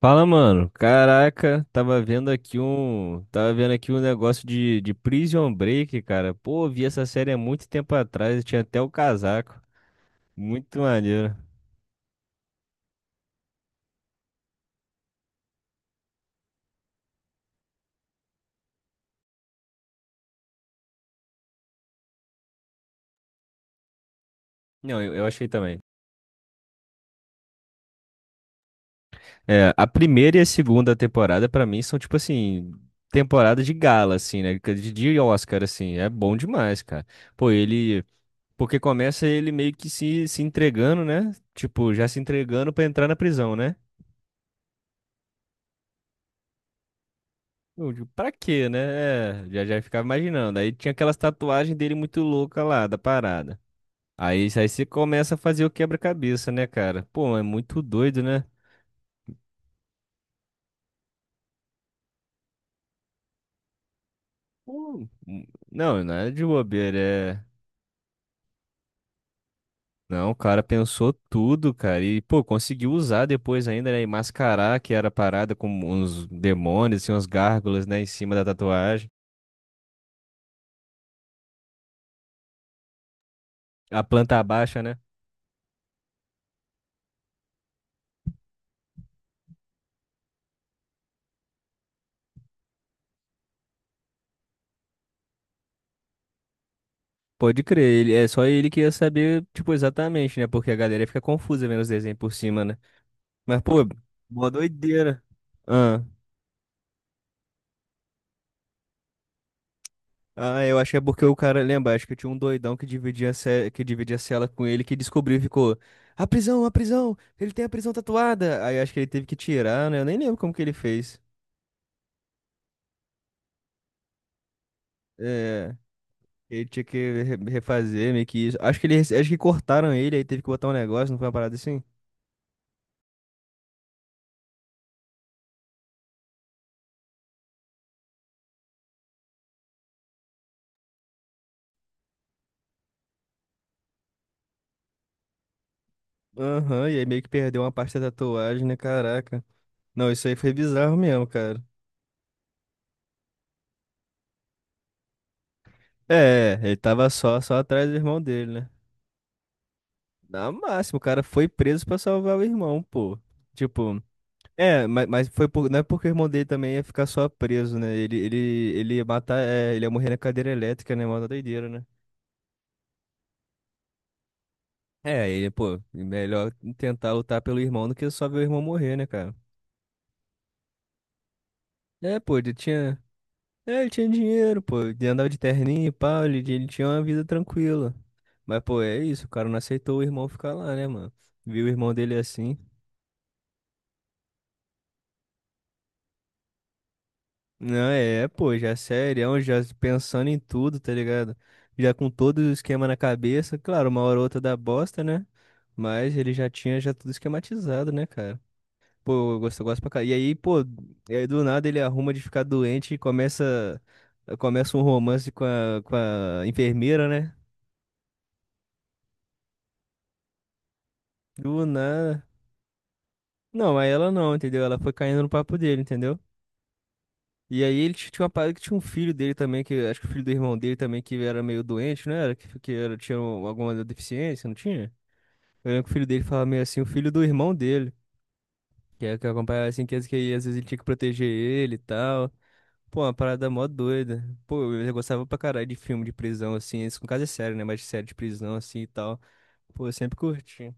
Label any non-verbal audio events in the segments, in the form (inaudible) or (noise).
Fala, mano. Caraca, tava vendo aqui um negócio de Prison Break, cara. Pô, vi essa série há muito tempo atrás, eu tinha até o casaco. Muito maneiro. Não, eu achei também. É, a primeira e a segunda temporada pra mim são tipo assim, temporada de gala assim, né? De Oscar assim, é bom demais, cara. Pô, ele porque começa ele meio que se entregando, né? Tipo, já se entregando pra entrar na prisão, né? Eu digo, pra quê, né? É, já ficava imaginando. Aí tinha aquelas tatuagens dele muito louca lá, da parada. Aí você começa a fazer o quebra-cabeça, né, cara? Pô, é muito doido, né? Pô, não, não é de bobeira, é... Não, o cara pensou tudo, cara. E, pô, conseguiu usar depois ainda, né? E mascarar que era a parada com uns demônios, assim, uns gárgulas, né? Em cima da tatuagem. A planta baixa, né? Pode crer, ele, é só ele que ia saber, tipo, exatamente, né? Porque a galera fica confusa vendo os desenhos por cima, né? Mas, pô, mó doideira. Ah. Ah, eu acho que é porque o cara, lembra, acho que tinha um doidão que dividia, que dividia a cela com ele que descobriu e ficou, a prisão, ele tem a prisão tatuada. Aí acho que ele teve que tirar, né? Eu nem lembro como que ele fez. É, ele tinha que refazer meio que isso. Acho que ele, acho que cortaram ele, aí teve que botar um negócio, não foi uma parada assim? Aham, e aí meio que perdeu uma parte da tatuagem, né? Caraca. Não, isso aí foi bizarro mesmo, cara. É, ele tava só, atrás do irmão dele, né? Na máxima, o cara foi preso pra salvar o irmão, pô. Tipo, é, mas foi por, não é porque o irmão dele também ia ficar só preso, né? Ele ia matar, é, ele ia morrer na cadeira elétrica, né? Mó da doideira, né? É, ele, pô, melhor tentar lutar pelo irmão do que só ver o irmão morrer, né, cara? É, pô, ele tinha. É, ele tinha dinheiro, pô. Ele andava de terninho e pau, ele, tinha uma vida tranquila. Mas, pô, é isso, o cara não aceitou o irmão ficar lá, né, mano? Viu o irmão dele assim. Não, é, pô, já é serião, já pensando em tudo, tá ligado? Já com todo o esquema na cabeça, claro, uma hora ou outra dá bosta, né? Mas ele já tinha já tudo esquematizado, né, cara? Pô, eu gosto pra cá. E aí, pô, e aí do nada ele arruma de ficar doente e começa, um romance com a enfermeira, né? Do nada. Não, mas ela não, entendeu? Ela foi caindo no papo dele, entendeu? E aí ele tinha uma parada que tinha um filho dele também, que acho que o filho do irmão dele também, que era meio doente, não era? Que, era, tinha alguma deficiência, não tinha? Eu lembro que o filho dele falava meio assim, o filho do irmão dele, que é que acompanhava assim, que, aí às vezes ele tinha que proteger ele e tal. Pô, uma parada mó doida. Pô, eu gostava pra caralho de filme de prisão, assim, isso com caso é sério, né? Mas de série de prisão, assim e tal. Pô, eu sempre curti.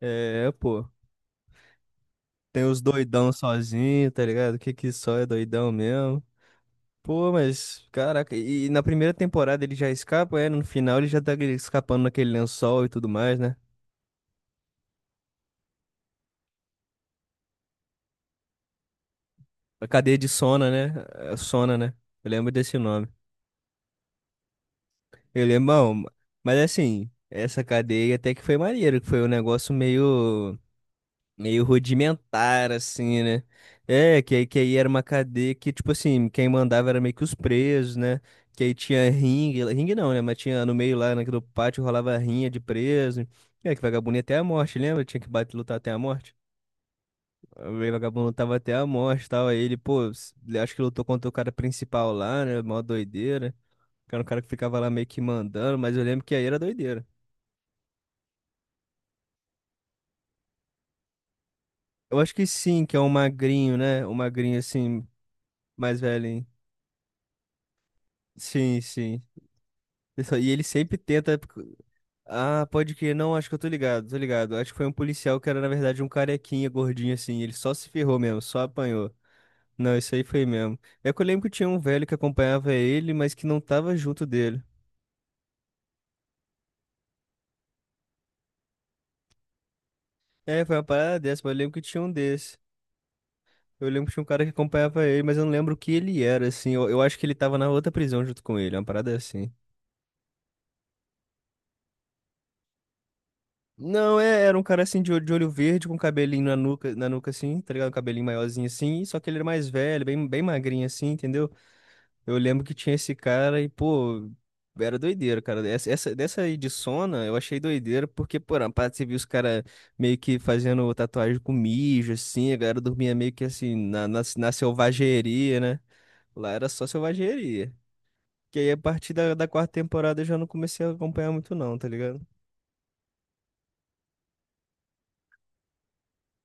É, pô. Tem os doidão sozinho, tá ligado? Que só é doidão mesmo. Pô, mas, caraca, e na primeira temporada ele já escapa, é? No final ele já tá ali escapando naquele lençol e tudo mais, né? A cadeia de Sona, né? É, Sona, né? Eu lembro desse nome. Eu lembro, bom, mas assim, essa cadeia até que foi maneiro, que foi um negócio meio rudimentar, assim, né? É, que aí era uma cadeia que, tipo assim, quem mandava era meio que os presos, né? Que aí tinha ringue, ringue não, né? Mas tinha no meio lá, naquele pátio, rolava rinha de preso. É, que vagabundo ia até a morte, lembra? Tinha que bater, lutar até a morte. O vagabundo lutava até a morte e tal. Aí ele, pô, ele acho que lutou contra o cara principal lá, né? Mó doideira. Que era um cara que ficava lá meio que mandando, mas eu lembro que aí era doideira. Eu acho que sim, que é um magrinho, né? Um magrinho assim, mais velhinho. Sim, sim. Pessoal, e ele sempre tenta. Ah, pode que não, acho que eu tô ligado, tô ligado. Acho que foi um policial que era, na verdade, um carequinha gordinho assim. Ele só se ferrou mesmo, só apanhou. Não, isso aí foi mesmo. É que eu lembro que tinha um velho que acompanhava ele, mas que não tava junto dele. É, foi uma parada dessa, mas eu lembro que tinha um desse. Eu lembro que tinha um cara que acompanhava ele, mas eu não lembro o que ele era, assim. Eu acho que ele tava na outra prisão junto com ele, uma parada assim. Não, era um cara assim de olho verde, com cabelinho na nuca assim, tá ligado? Um cabelinho maiorzinho assim, só que ele era mais velho, bem, bem magrinho assim, entendeu? Eu lembro que tinha esse cara e, pô, era doideira, cara. Dessa aí de Sona eu achei doideira, porque, pô, na parte você viu os caras meio que fazendo tatuagem com mijo, assim, a galera dormia meio que assim, na selvageria, né? Lá era só selvageria. Que aí a partir da quarta temporada eu já não comecei a acompanhar muito, não, tá ligado?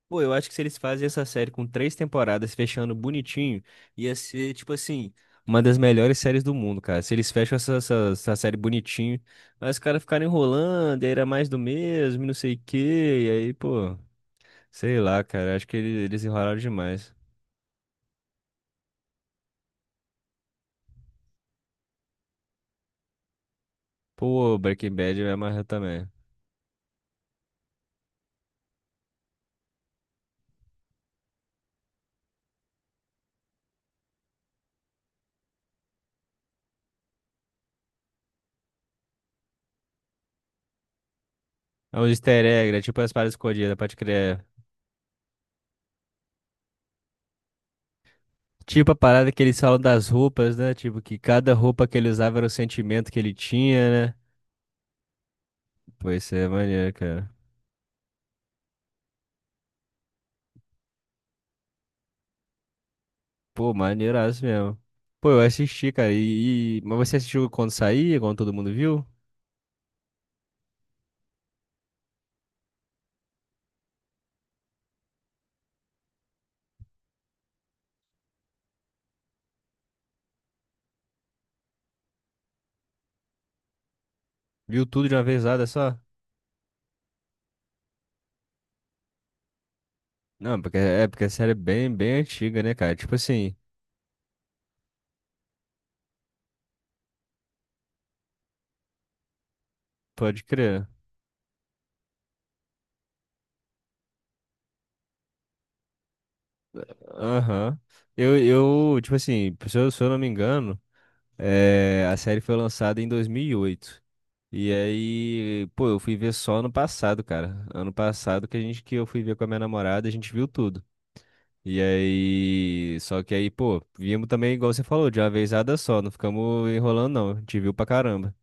Pô, eu acho que se eles fazem essa série com três temporadas fechando bonitinho, ia ser, tipo assim, uma das melhores séries do mundo, cara. Se eles fecham essa série bonitinho, mas os caras ficaram enrolando, e aí era mais do mesmo, e não sei o quê, e aí, pô, sei lá, cara. Acho que eles enrolaram demais. Pô, Breaking Bad me amarra também. É um easter egg, né? Tipo as paradas escondidas, pode crer. Tipo a parada que eles falam das roupas, né? Tipo, que cada roupa que ele usava era o sentimento que ele tinha, né? Pô, isso é maneiro, cara. Pô, maneiraço mesmo. Pô, eu assisti, cara. Mas você assistiu quando saía, quando todo mundo viu? Viu tudo de uma vezada só? Não, porque a série é bem, bem antiga, né, cara? Tipo assim, pode crer. Aham. Eu, eu, tipo assim, se eu não me engano, é, a série foi lançada em 2008. E aí, pô, eu fui ver só ano passado, cara. Ano passado que a gente que eu fui ver com a minha namorada, a gente viu tudo. E aí, só que aí, pô, viemos também, igual você falou, de uma vezada só, não ficamos enrolando, não. A gente viu pra caramba.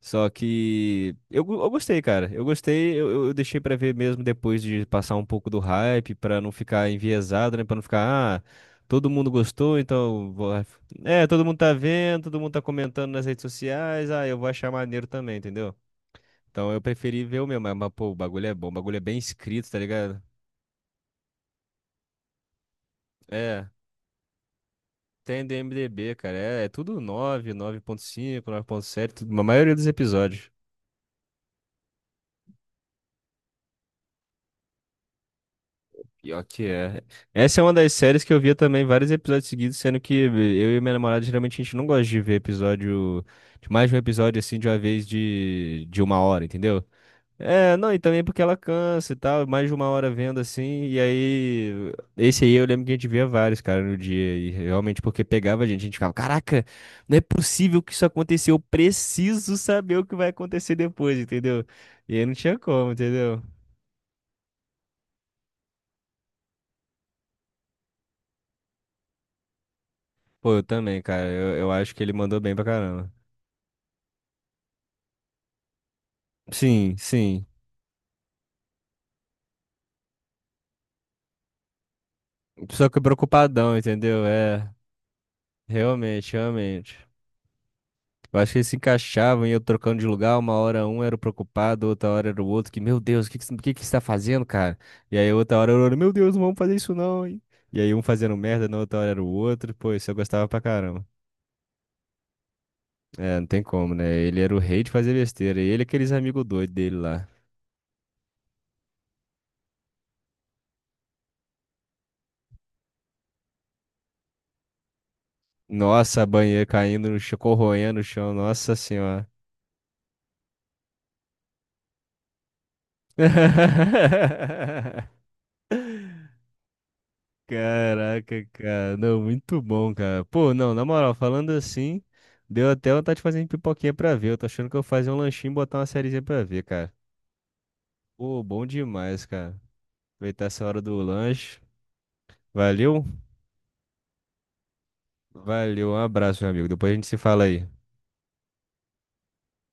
Só que eu, eu gostei, cara. Eu gostei, eu deixei pra ver mesmo depois de passar um pouco do hype, pra não ficar enviesado, né? Pra não ficar, ah, todo mundo gostou, então. Eu vou... É, todo mundo tá vendo, todo mundo tá comentando nas redes sociais, ah, eu vou achar maneiro também, entendeu? Então eu preferi ver o meu, mas, pô, o bagulho é bom, o bagulho é bem escrito, tá ligado? É. Tem do MDB, cara. É, tudo 9, 9.5, 9.7, a maioria dos episódios. Pior que é. Essa é uma das séries que eu via também vários episódios seguidos, sendo que eu e minha namorada geralmente a gente não gosta de ver episódio, de mais de um episódio assim de uma vez de uma hora, entendeu? É, não, e também porque ela cansa e tal, mais de uma hora vendo assim, e aí, esse aí eu lembro que a gente via vários, cara, no dia, e realmente porque pegava a gente ficava, caraca, não é possível que isso aconteceu, eu preciso saber o que vai acontecer depois, entendeu? E aí não tinha como, entendeu? Pô, eu também, cara, eu acho que ele mandou bem pra caramba. Sim, sim, só que preocupadão, entendeu? É, realmente, realmente. Eu acho que eles se encaixavam, e eu trocando de lugar, uma hora um era o preocupado, outra hora era o outro, que, meu Deus, o que que você tá fazendo, cara? E aí outra hora era o outro, meu Deus, não vamos fazer isso não, hein? E aí um fazendo merda, na outra hora era o outro, pô, isso eu gostava pra caramba. É, não tem como, né? Ele era o rei de fazer besteira, e ele e aqueles amigos doidos dele lá. Nossa, banheiro caindo no chão, corroendo no chão, nossa senhora. (laughs) Caraca, cara. Não, muito bom, cara. Pô, não, na moral, falando assim, deu até vontade de fazer uma pipoquinha pra ver. Eu tô achando que eu vou fazer um lanchinho e botar uma sériezinha pra ver, cara. Pô, bom demais, cara. Aproveitar essa hora do lanche. Valeu? Valeu, um abraço, meu amigo. Depois a gente se fala aí.